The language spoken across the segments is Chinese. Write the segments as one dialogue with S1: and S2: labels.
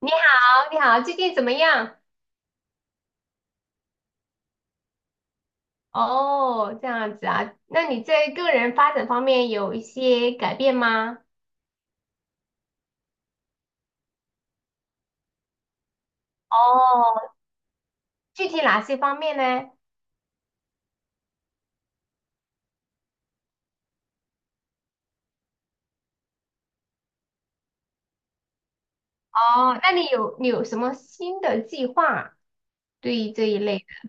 S1: 你好，你好，最近怎么样？哦，这样子啊，那你在个人发展方面有一些改变吗？哦，具体哪些方面呢？哦，那你有什么新的计划对于这一类的？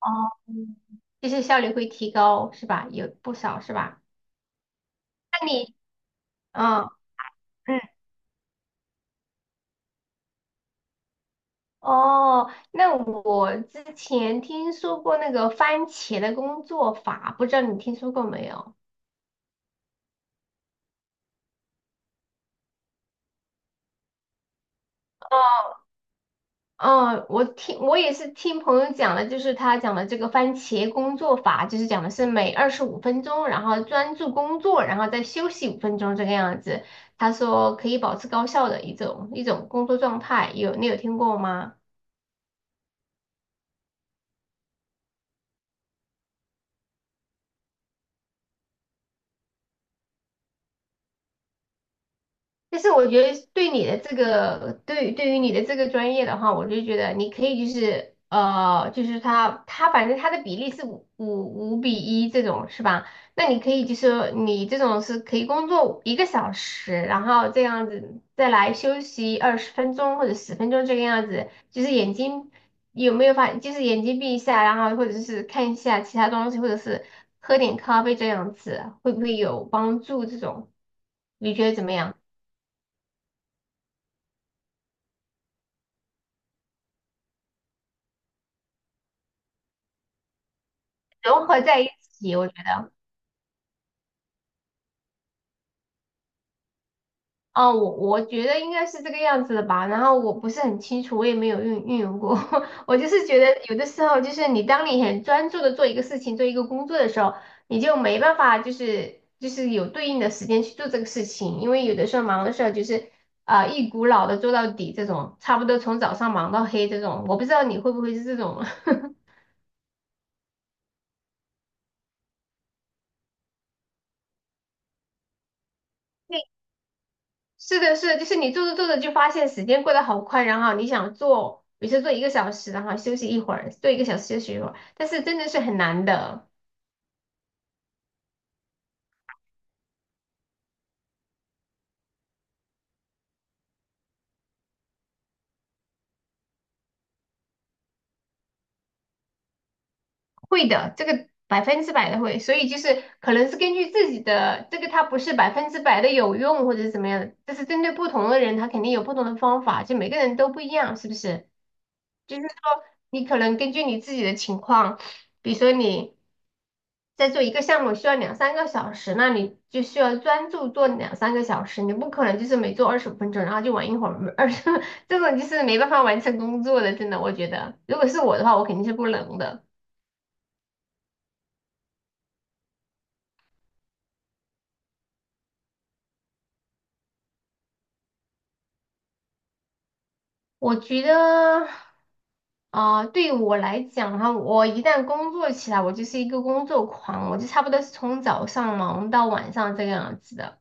S1: 哦，就是效率会提高是吧？有不少是吧？那你，嗯嗯，哦，那我之前听说过那个番茄的工作法，不知道你听说过没有？嗯，我也是听朋友讲的，就是他讲的这个番茄工作法，就是讲的是每二十五分钟，然后专注工作，然后再休息五分钟这个样子。他说可以保持高效的一种工作状态，你有听过吗？但是我觉得对你的这个，对于你的这个专业的话，我就觉得你可以就是就是他反正他的比例是五比一这种是吧？那你可以就是说你这种是可以工作一个小时，然后这样子再来休息20分钟或者十分钟这个样子，就是眼睛有没有发，就是眼睛闭一下，然后或者是看一下其他东西，或者是喝点咖啡这样子，会不会有帮助？这种你觉得怎么样？融合在一起，我觉得，哦，我觉得应该是这个样子的吧。然后我不是很清楚，我也没有运用过。我就是觉得有的时候，就是你当你很专注的做一个事情、做一个工作的时候，你就没办法，就是有对应的时间去做这个事情，因为有的时候忙的时候就是一股脑的做到底这种，差不多从早上忙到黑这种。我不知道你会不会是这种。是的，是的，就是你做着做着就发现时间过得好快，然后你想做，比如说做一个小时，然后休息一会儿，做一个小时休息一会儿，但是真的是很难的，会的，这个百分之百的会，所以就是可能是根据自己的这个，它不是百分之百的有用或者是怎么样的，就是针对不同的人，他肯定有不同的方法，就每个人都不一样，是不是？就是说你可能根据你自己的情况，比如说你在做一个项目需要两三个小时，那你就需要专注做两三个小时，你不可能就是每做二十五分钟，然后就玩一会儿二十，这种就是没办法完成工作的，真的，我觉得，如果是我的话，我肯定是不能的。我觉得，对我来讲哈，我一旦工作起来，我就是一个工作狂，我就差不多是从早上忙到晚上这个样子的，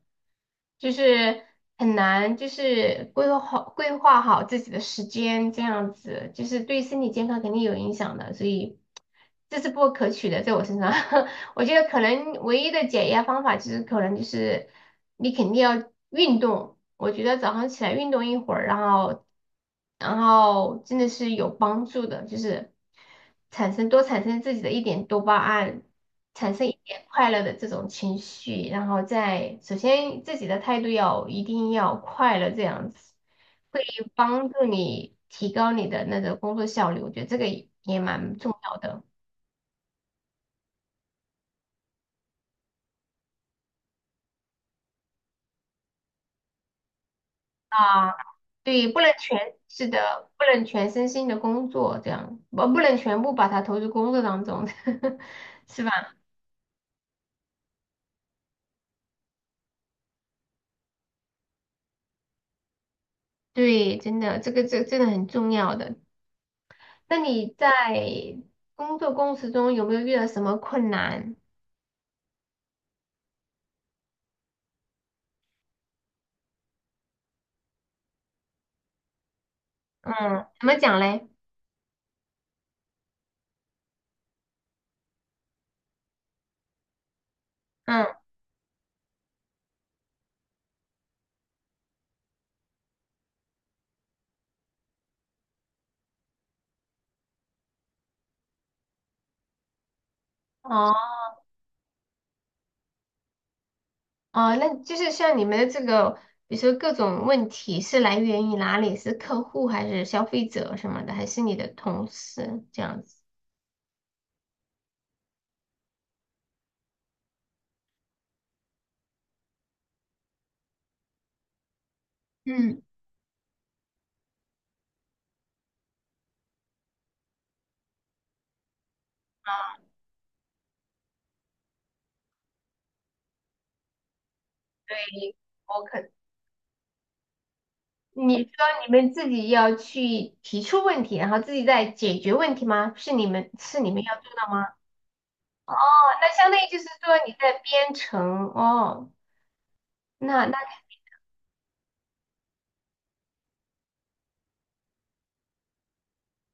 S1: 就是很难，就是规划好自己的时间，这样子，就是对身体健康肯定有影响的，所以这是不可取的，在我身上。我觉得可能唯一的解压方法就是可能就是你肯定要运动。我觉得早上起来运动一会儿，然后真的是有帮助的，就是产生自己的一点多巴胺，产生一点快乐的这种情绪，然后再首先自己的态度要一定要快乐，这样子会帮助你提高你的那个工作效率。我觉得这个也蛮重要的啊。对，不能全，是的，不能全身心的工作，这样，我不能全部把它投入工作当中，是吧？对，真的，这真的很重要的。那你在工作过程中有没有遇到什么困难？嗯，怎么讲嘞？嗯，哦哦，那就是像你们的这个，比如说各种问题是来源于哪里？是客户还是消费者什么的，还是你的同事这样子？嗯。对，我可你说你们自己要去提出问题，然后自己再解决问题吗？是你们要做的吗？哦，那相当于就是说你在编程哦，那那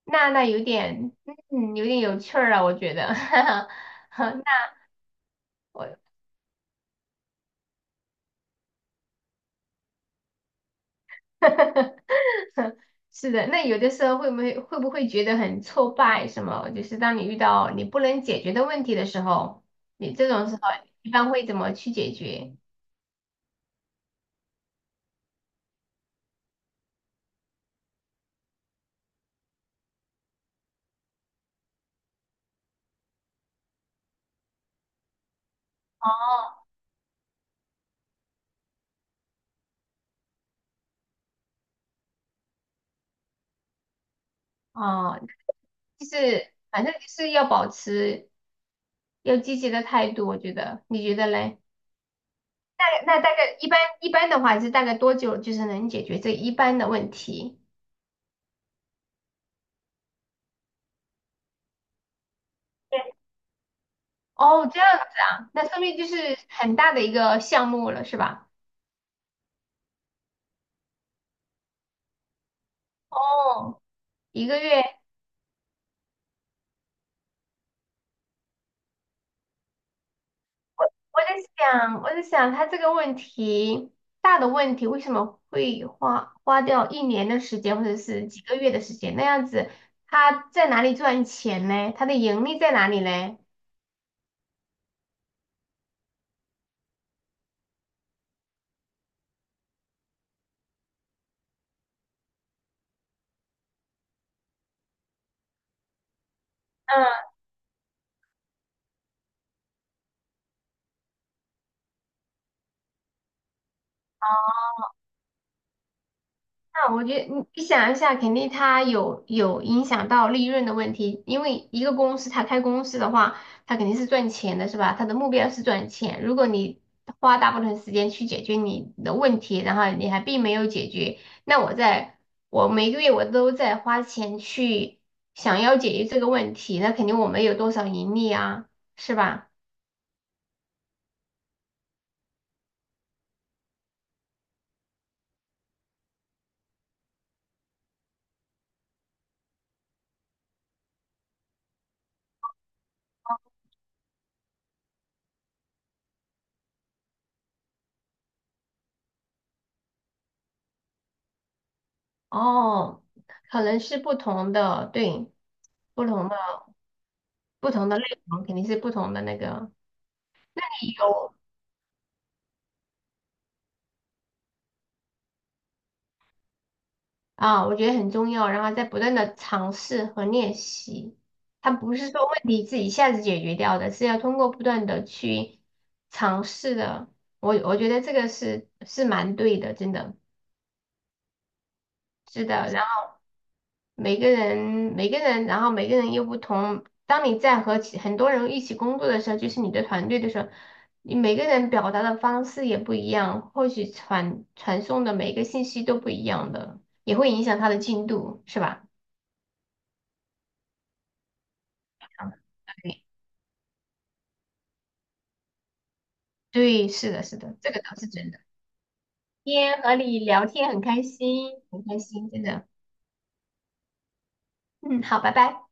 S1: 那有点有点有趣儿啊，我觉得，哈哈那我 是的，那有的时候会不会觉得很挫败？什么？就是当你遇到你不能解决的问题的时候，你这种时候一般会怎么去解决？哦，就是反正就是要保持。要积极的态度，我觉得，你觉得嘞？那大概一般的话是大概多久就是能解决这一般的问题？对，哦，这样子啊，那说明就是很大的一个项目了，是吧？哦，一个月，我在想他这个问题，大的问题为什么会花掉一年的时间或者是几个月的时间？那样子他在哪里赚钱呢？他的盈利在哪里呢？嗯。那我觉得你想一下，肯定它有影响到利润的问题，因为一个公司它开公司的话，它肯定是赚钱的，是吧？它的目标是赚钱。如果你花大部分时间去解决你的问题，然后你还并没有解决，那我在我每个月我都在花钱去想要解决这个问题，那肯定我没有多少盈利啊，是吧？哦，可能是不同的，对，不同的不同的内容肯定是不同的那个。有啊，我觉得很重要，然后在不断的尝试和练习，它不是说问题自己一下子解决掉的，是要通过不断的去尝试的。我觉得这个是蛮对的，真的是的。然后每个人每个人，然后每个人又不同。当你在和很多人一起工作的时候，就是你的团队的时候，你每个人表达的方式也不一样，或许传送的每个信息都不一样的，也会影响他的进度，是吧？对，对，是的，是的，这个倒是真的。今天和你聊天很开心，很开心，真的。嗯，好，拜拜。